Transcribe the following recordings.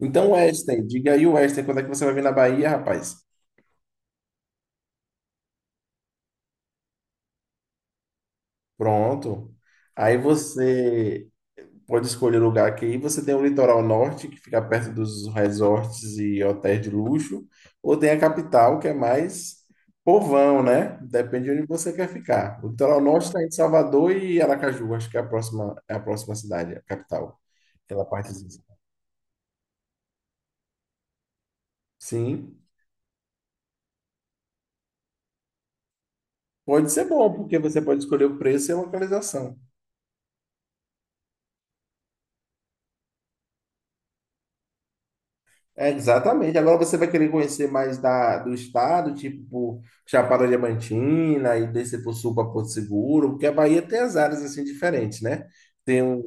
Então, Western, diga aí, Western, quando é que você vai vir na Bahia, rapaz? Pronto. Aí você pode escolher o lugar aqui. Você tem o litoral norte, que fica perto dos resorts e hotéis de luxo, ou tem a capital, que é mais povão, né? Depende de onde você quer ficar. O litoral norte está em Salvador e Aracaju, acho que é a próxima cidade, a capital. Aquela parte. Sim, pode ser bom, porque você pode escolher o preço e a localização. É, exatamente. Agora você vai querer conhecer mais do estado, tipo por Chapada Diamantina e descer para o sul para Porto Seguro, porque a Bahia tem as áreas assim diferentes, né? Tem um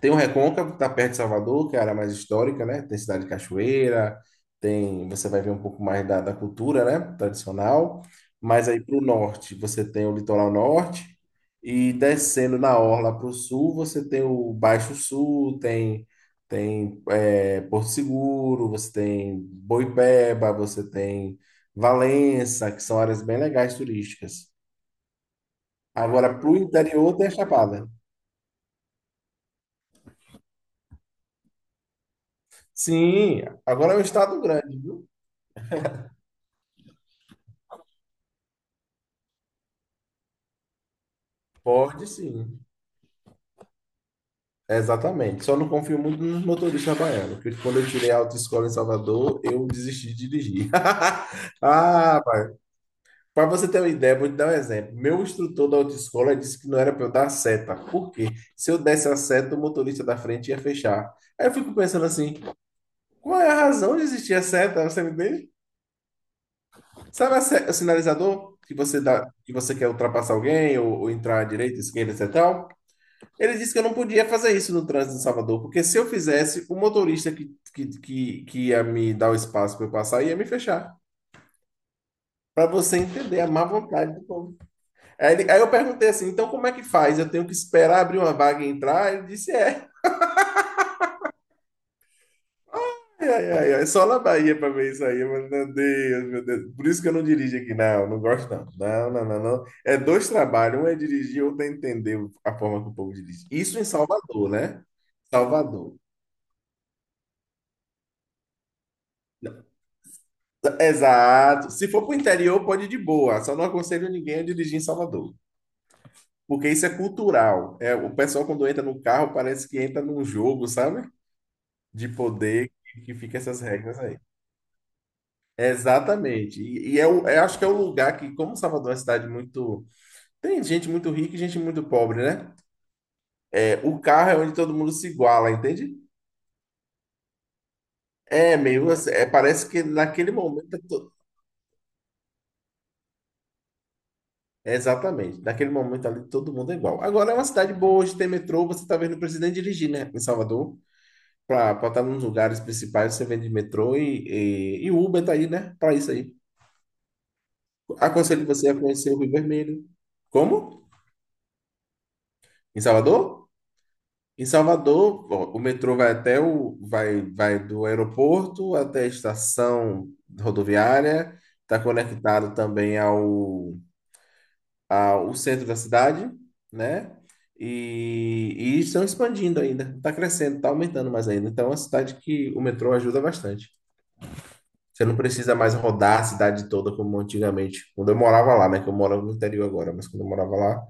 tem o Recôncavo, que tá perto de Salvador, que é a área mais histórica, né? Tem Cidade de Cachoeira, tem, você vai ver um pouco mais da cultura, né? Tradicional. Mas aí para o norte, você tem o litoral norte, e descendo na orla para o sul, você tem o Baixo Sul, tem Porto Seguro, você tem Boipeba, você tem Valença, que são áreas bem legais turísticas. Agora, para o interior, tem a Chapada. Sim, agora é um estado grande, viu? Pode sim, exatamente. Só não confio muito nos motoristas baianos, porque quando eu tirei a autoescola em Salvador, eu desisti de dirigir. Ah, para você ter uma ideia, vou te dar um exemplo. Meu instrutor da autoescola disse que não era para eu dar a seta. Por quê? Se eu desse a seta, o motorista da frente ia fechar. Aí eu fico pensando assim, qual é a razão de existir a seta? Você me entende? Sabe a se- o sinalizador que você dá, que você quer ultrapassar alguém ou entrar à direita, esquerda, etc. Ele disse que eu não podia fazer isso no trânsito de Salvador, porque se eu fizesse, o motorista que ia me dar o espaço para eu passar ia me fechar. Para você entender a má vontade do povo. Aí, eu perguntei assim: então como é que faz? Eu tenho que esperar abrir uma vaga e entrar? Ele disse: é. Ai, ai, ai, só na Bahia para ver isso aí. Mas, meu Deus, meu Deus. Por isso que eu não dirijo aqui. Não, não gosto não. Não, não, não, não. É dois trabalhos: um é dirigir, outro é entender a forma que o povo dirige. Isso em Salvador, né? Salvador. Exato. Se for para o interior, pode ir de boa. Só não aconselho ninguém a dirigir em Salvador. Porque isso é cultural. É, o pessoal, quando entra no carro, parece que entra num jogo, sabe? De poder que fica essas regras aí. Exatamente. E é eu acho que é o lugar que, como Salvador é uma cidade muito. Tem gente muito rica e gente muito pobre, né? É, o carro é onde todo mundo se iguala, entende? É meio assim, é, parece que naquele momento. Exatamente. Daquele momento ali, todo mundo é igual. Agora é uma cidade boa, hoje tem metrô, você tá vendo o presidente dirigir, né? Em Salvador, para estar nos lugares principais, você vende metrô e Uber tá aí, né? Para isso aí. Aconselho você a conhecer o Rio Vermelho. Como? Em Salvador? Em Salvador, ó, o metrô vai do aeroporto até a estação rodoviária, está conectado também ao, a- o centro da cidade, né? E estão expandindo ainda, está crescendo, está aumentando mais ainda. Então, é uma cidade que o metrô ajuda bastante. Você não precisa mais rodar a cidade toda como antigamente, quando eu morava lá, né? Que eu moro no interior agora, mas quando eu morava lá,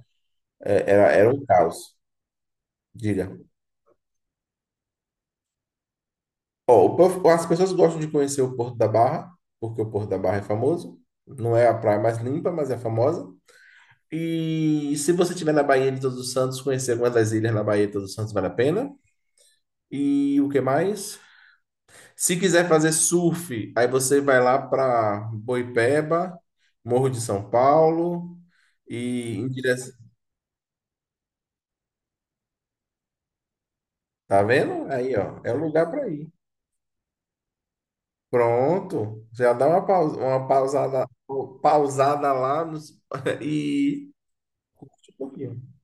era um caos. Diga. Ó, as pessoas gostam de conhecer o Porto da Barra, porque o Porto da Barra é famoso. Não é a praia mais limpa, mas é famosa. E se você estiver na Baía de Todos os Santos, conhecer alguma das ilhas na Baía de Todos os Santos vale a pena. E o que mais? Se quiser fazer surf, aí você vai lá para Boipeba, Morro de São Paulo e em direção. Tá vendo? Aí, ó, é o lugar para ir. Pronto, já dá uma pausa, uma pausada lá nos- e curte um pouquinho.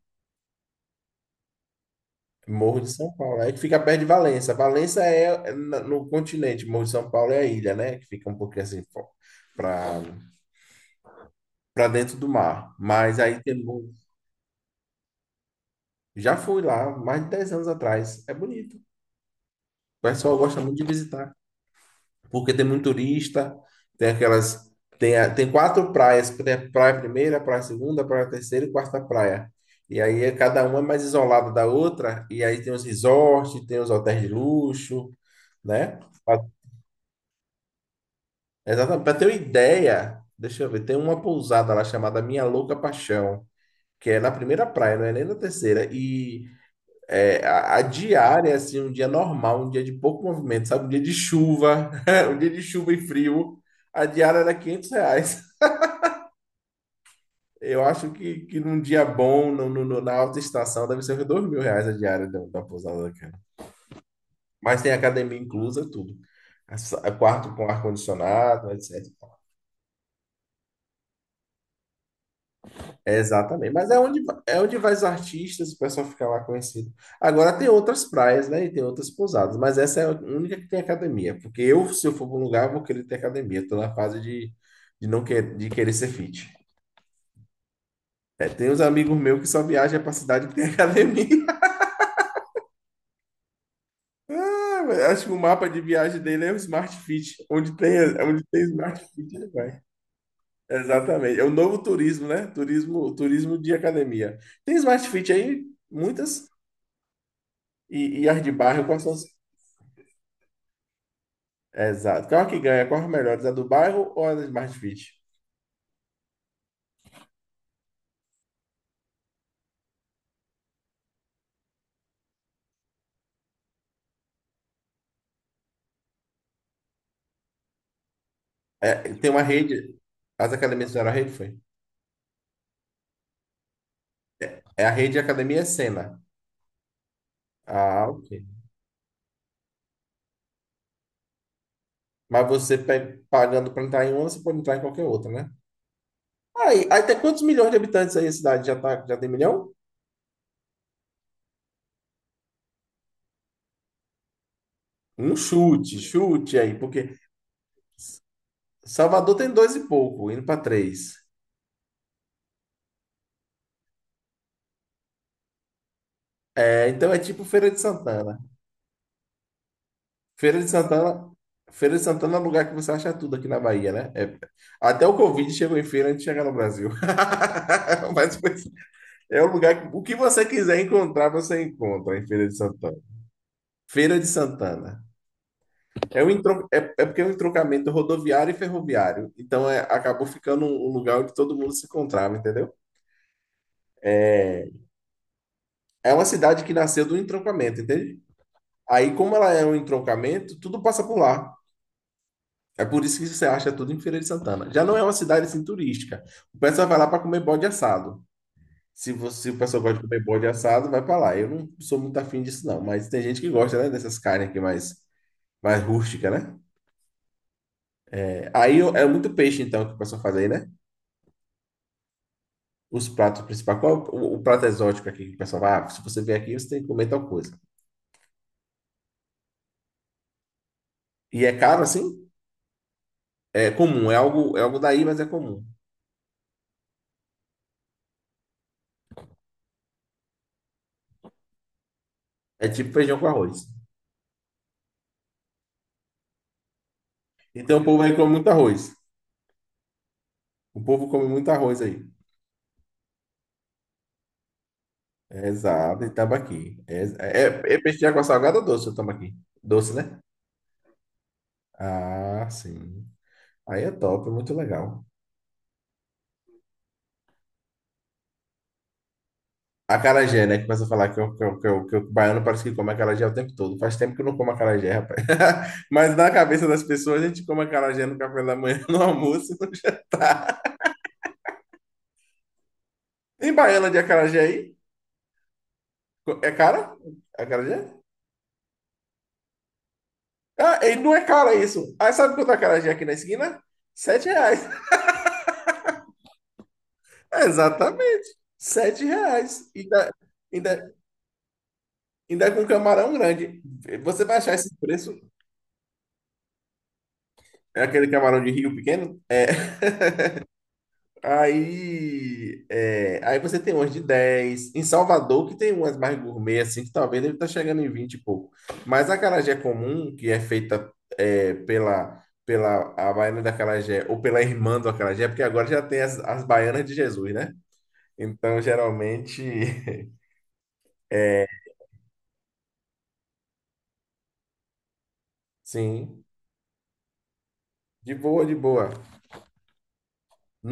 Morro de São Paulo, aí que fica perto de Valença. Valença é no continente, Morro de São Paulo é a ilha, né? Que fica um pouquinho assim para para dentro do mar. Mas aí tem Já fui lá mais de 10 anos atrás. É bonito. O pessoal gosta muito de visitar, porque tem muito turista, tem aquelas. Tem quatro praias, tem a praia primeira, praia segunda, praia terceira e quarta praia. E aí cada uma é mais isolada da outra, e aí tem os resorts, tem os hotéis de luxo, né? Pra- Exatamente, para ter uma ideia, deixa eu ver, tem uma pousada lá chamada Minha Louca Paixão, que é na primeira praia, não é nem na terceira. E É, a diária, assim, um dia normal, um dia de pouco movimento, sabe? Um dia de chuva, um dia de chuva e frio, a diária era R$ 500. Eu acho que num dia bom, na alta estação, deve ser uns 2 mil reais a diária da pousada, cara. Mas tem academia inclusa, tudo. Quarto com ar-condicionado, etc. É, exatamente. Mas é onde vai os artistas, o pessoal fica lá conhecido. Agora tem outras praias, né? E tem outras pousadas, mas essa é a única que tem academia. Porque eu, se eu for para um lugar, eu vou querer ter academia. Estou na fase de, não quer, de querer ser fit. É, tem uns amigos meus que só viajam para cidade que tem academia. Acho que o mapa de viagem dele é o Smart Fit. Onde tem Smart Fit, ele vai. Exatamente. É o novo turismo, né? Turismo, turismo de academia. Tem Smart Fit aí, muitas. E as de bairro, quais são? Exato. Qual é que ganha? Qual é a melhores? A do bairro ou a da Smart Fit? É, tem uma rede. As academias fizeram a rede, foi? É a rede Academia Sena. Ah, ok. Mas você pagando para entrar em uma, você pode entrar em qualquer outra, né? Aí, tem quantos milhões de habitantes aí a cidade? Já, tá, já tem milhão? Um chute, chute aí, porque Salvador tem dois e pouco, indo para três. É, então é tipo Feira de Santana. Feira de Santana, Feira de Santana é um lugar que você acha tudo aqui na Bahia, né? Até o Covid chegou em feira antes de chegar no Brasil. Mas pois, é um lugar que o que você quiser encontrar, você encontra em Feira de Santana. Feira de Santana. É, porque é um entroncamento rodoviário e ferroviário. Então é, acabou ficando um lugar onde todo mundo se encontrava, entendeu? É uma cidade que nasceu do entroncamento, entende? Aí, como ela é um entroncamento, tudo passa por lá. É por isso que você acha tudo em Feira de Santana. Já não é uma cidade assim turística. O pessoal vai lá para comer bode assado. Se você, o pessoal gosta de comer bode assado, vai para lá. Eu não sou muito afim disso, não. Mas tem gente que gosta, né? Dessas carnes aqui mais, rústica, né? É, aí é muito peixe, então, que o pessoal faz aí, né? Os pratos principais. Qual é o prato exótico aqui que o pessoal vai? Ah, se você vier aqui, você tem que comer tal coisa. E é caro assim? É comum. É algo daí, mas é comum. É tipo feijão com arroz. Então o povo aí come muito arroz. O povo come muito arroz aí. Exato, e tambaqui. É peixe de água salgada ou doce o tambaqui? Doce, né? Ah, sim. Aí é top, muito legal. Acarajé, né? Que começa a falar que o baiano parece que come acarajé o tempo todo. Faz tempo que eu não como acarajé, rapaz. Mas na cabeça das pessoas, a gente come acarajé no café da manhã, no almoço. no Tem baiana de acarajé aí? É cara? Acarajé? Ah, e não é cara isso. Aí sabe quanto é acarajé aqui na esquina? R$ 7. Exatamente. R$ 7. E Ainda, Ainda com um camarão grande. Você vai achar esse preço, é aquele camarão de rio pequeno. Aí, você tem umas de 10 em Salvador, que tem umas mais gourmet, assim, que talvez deve estar chegando em 20 e pouco. Mas a acarajé comum, que é feita pela a baiana da acarajé, ou pela irmã do acarajé, porque agora já tem as baianas de Jesus, né? Então, geralmente, sim, de boa, de boa.